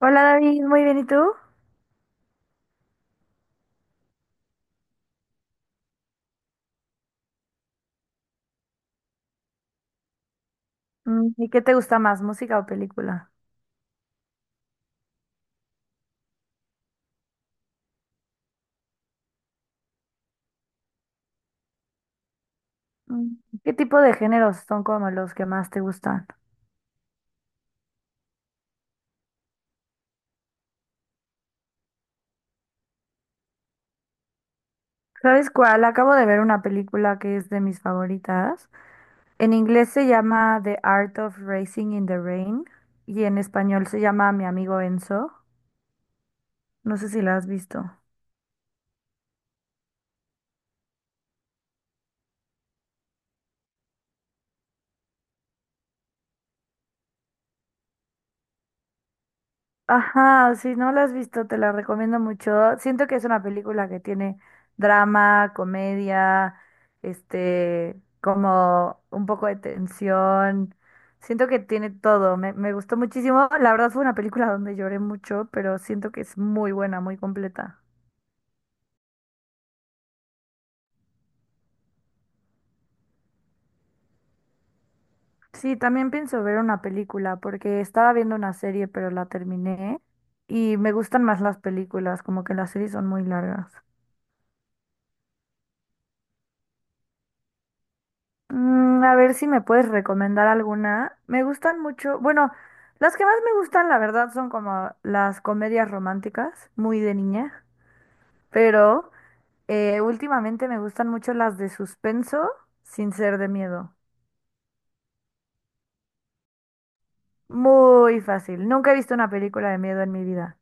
Hola David, muy bien, ¿y tú? Mm, ¿y qué te gusta más, música o película? Mm, ¿qué tipo de géneros son como los que más te gustan? ¿Sabes cuál? Acabo de ver una película que es de mis favoritas. En inglés se llama The Art of Racing in the Rain y en español se llama Mi amigo Enzo. No sé si la has visto. Ajá, si no la has visto, te la recomiendo mucho. Siento que es una película que tiene drama, comedia, como un poco de tensión. Siento que tiene todo. Me gustó muchísimo. La verdad fue una película donde lloré mucho, pero siento que es muy buena, muy completa. Sí, también pienso ver una película porque estaba viendo una serie, pero la terminé y me gustan más las películas, como que las series son muy largas. Mm, a ver si me puedes recomendar alguna. Me gustan mucho, bueno, las que más me gustan, la verdad, son como las comedias románticas, muy de niña, pero últimamente me gustan mucho las de suspenso sin ser de miedo. Muy fácil. Nunca he visto una película de miedo en mi vida.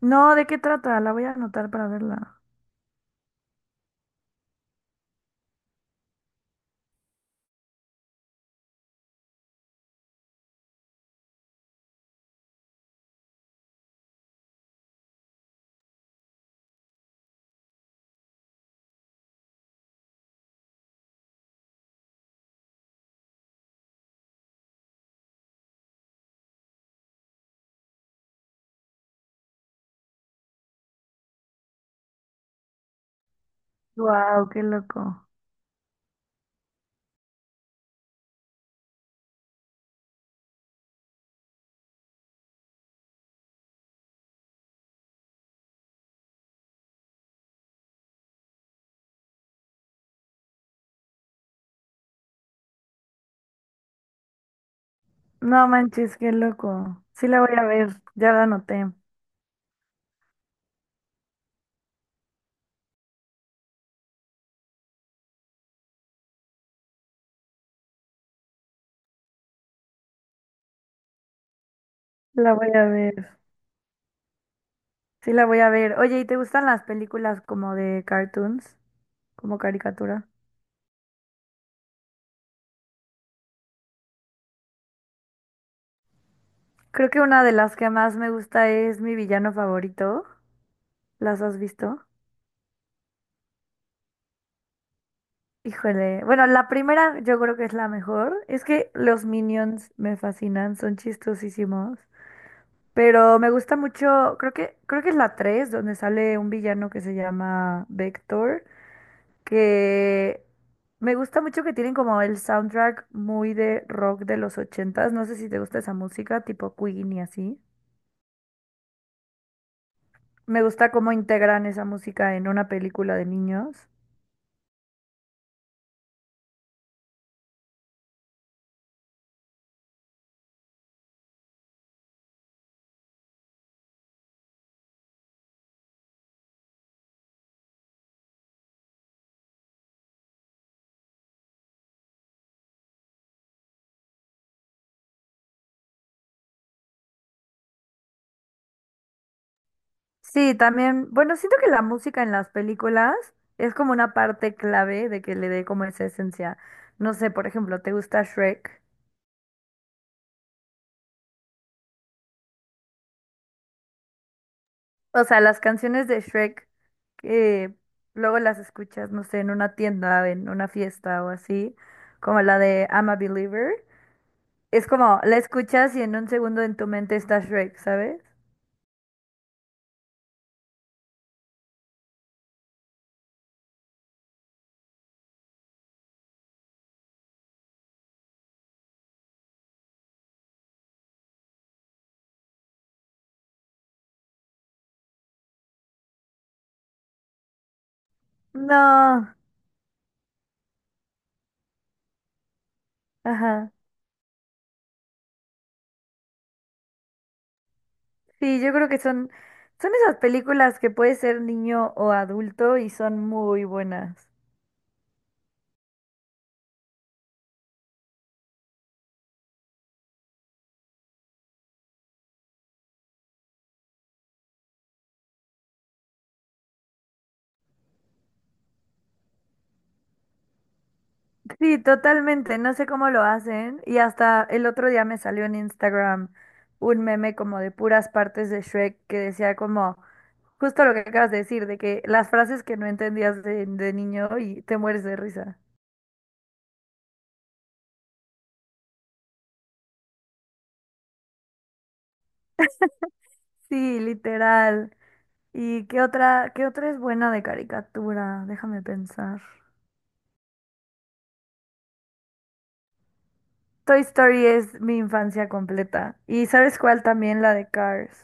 No, ¿de qué trata? La voy a anotar para verla. Wow, qué loco. No manches, qué loco. Sí la voy a ver, ya la anoté. La voy a ver. Sí, la voy a ver. Oye, ¿y te gustan las películas como de cartoons, como caricatura? Creo que una de las que más me gusta es Mi villano favorito. ¿Las has visto? Híjole. Bueno, la primera yo creo que es la mejor. Es que los Minions me fascinan, son chistosísimos. Pero me gusta mucho, creo que es la 3, donde sale un villano que se llama Vector, que me gusta mucho que tienen como el soundtrack muy de rock de los 80s. No sé si te gusta esa música, tipo Queen y así. Me gusta cómo integran esa música en una película de niños. Sí, también, bueno, siento que la música en las películas es como una parte clave de que le dé como esa esencia. No sé, por ejemplo, ¿te gusta Shrek? O sea, las canciones de Shrek que luego las escuchas, no sé, en una tienda, en una fiesta o así, como la de I'm a Believer. Es como, la escuchas y en un segundo en tu mente está Shrek, ¿sabes? No, ajá. Sí, yo creo que son esas películas que puede ser niño o adulto y son muy buenas. Sí, totalmente. No sé cómo lo hacen. Y hasta el otro día me salió en Instagram un meme como de puras partes de Shrek que decía como justo lo que acabas de decir, de que las frases que no entendías de niño y te mueres de risa. Sí, literal. ¿Y qué otra es buena de caricatura? Déjame pensar. Toy Story es mi infancia completa. ¿Y sabes cuál también? La de Cars.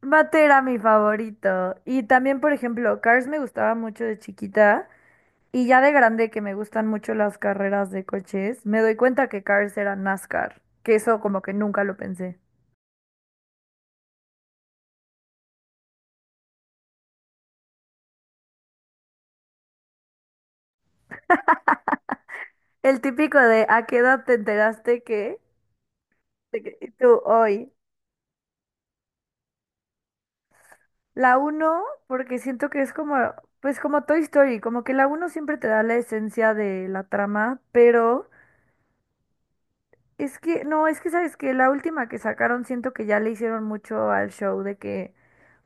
Matt era mi favorito. Y también, por ejemplo, Cars me gustaba mucho de chiquita. Y ya de grande que me gustan mucho las carreras de coches, me doy cuenta que Cars era NASCAR. Que eso como que nunca lo pensé. El típico de ¿a qué edad te enteraste que? Y tú hoy. La uno porque siento que es como, pues como Toy Story, como que la uno siempre te da la esencia de la trama, pero es que, no, es que sabes que la última que sacaron siento que ya le hicieron mucho al show de que,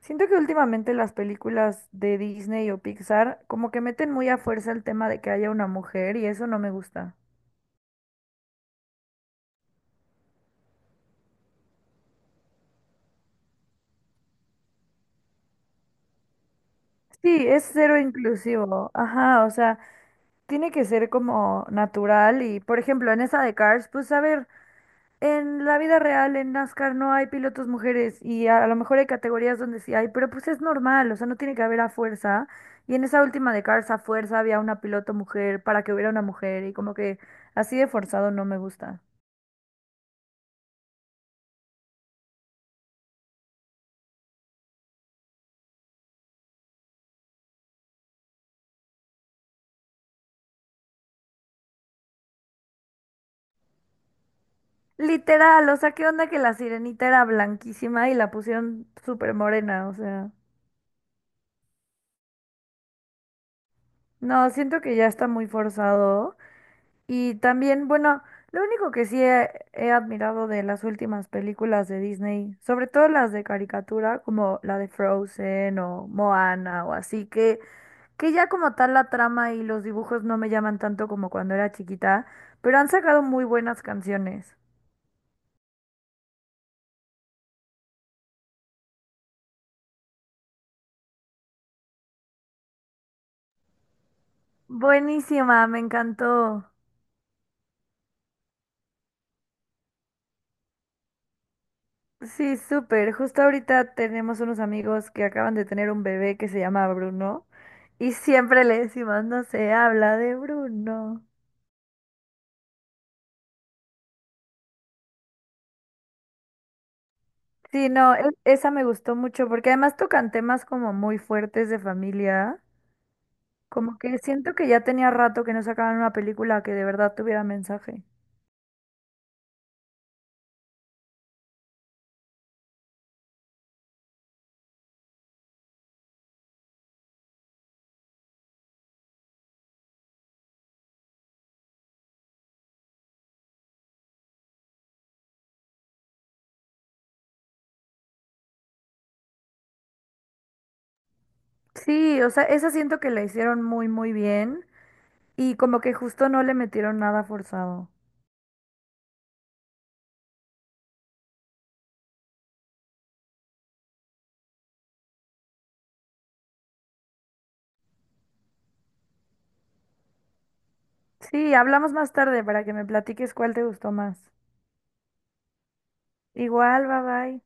siento que últimamente las películas de Disney o Pixar como que meten muy a fuerza el tema de que haya una mujer y eso no me gusta. Sí, es cero inclusivo. Ajá, o sea, tiene que ser como natural y, por ejemplo, en esa de Cars, pues a ver. En la vida real, en NASCAR, no hay pilotos mujeres y a lo mejor hay categorías donde sí hay, pero pues es normal, o sea, no tiene que haber a fuerza. Y en esa última de Cars a fuerza había una piloto mujer para que hubiera una mujer y como que así de forzado no me gusta. Literal, o sea, ¿qué onda que la sirenita era blanquísima y la pusieron súper morena? O sea, no, siento que ya está muy forzado. Y también, bueno, lo único que sí he admirado de las últimas películas de Disney, sobre todo las de caricatura, como la de Frozen o Moana o así, que ya como tal la trama y los dibujos no me llaman tanto como cuando era chiquita, pero han sacado muy buenas canciones. Buenísima, me encantó. Sí, súper. Justo ahorita tenemos unos amigos que acaban de tener un bebé que se llama Bruno y siempre le decimos, no se habla de Bruno. Sí, no, esa me gustó mucho porque además tocan temas como muy fuertes de familia. Como que siento que ya tenía rato que no sacaban una película que de verdad tuviera mensaje. Sí, o sea, esa siento que la hicieron muy, muy bien y como que justo no le metieron nada forzado. Sí, hablamos más tarde para que me platiques cuál te gustó más. Igual, bye bye.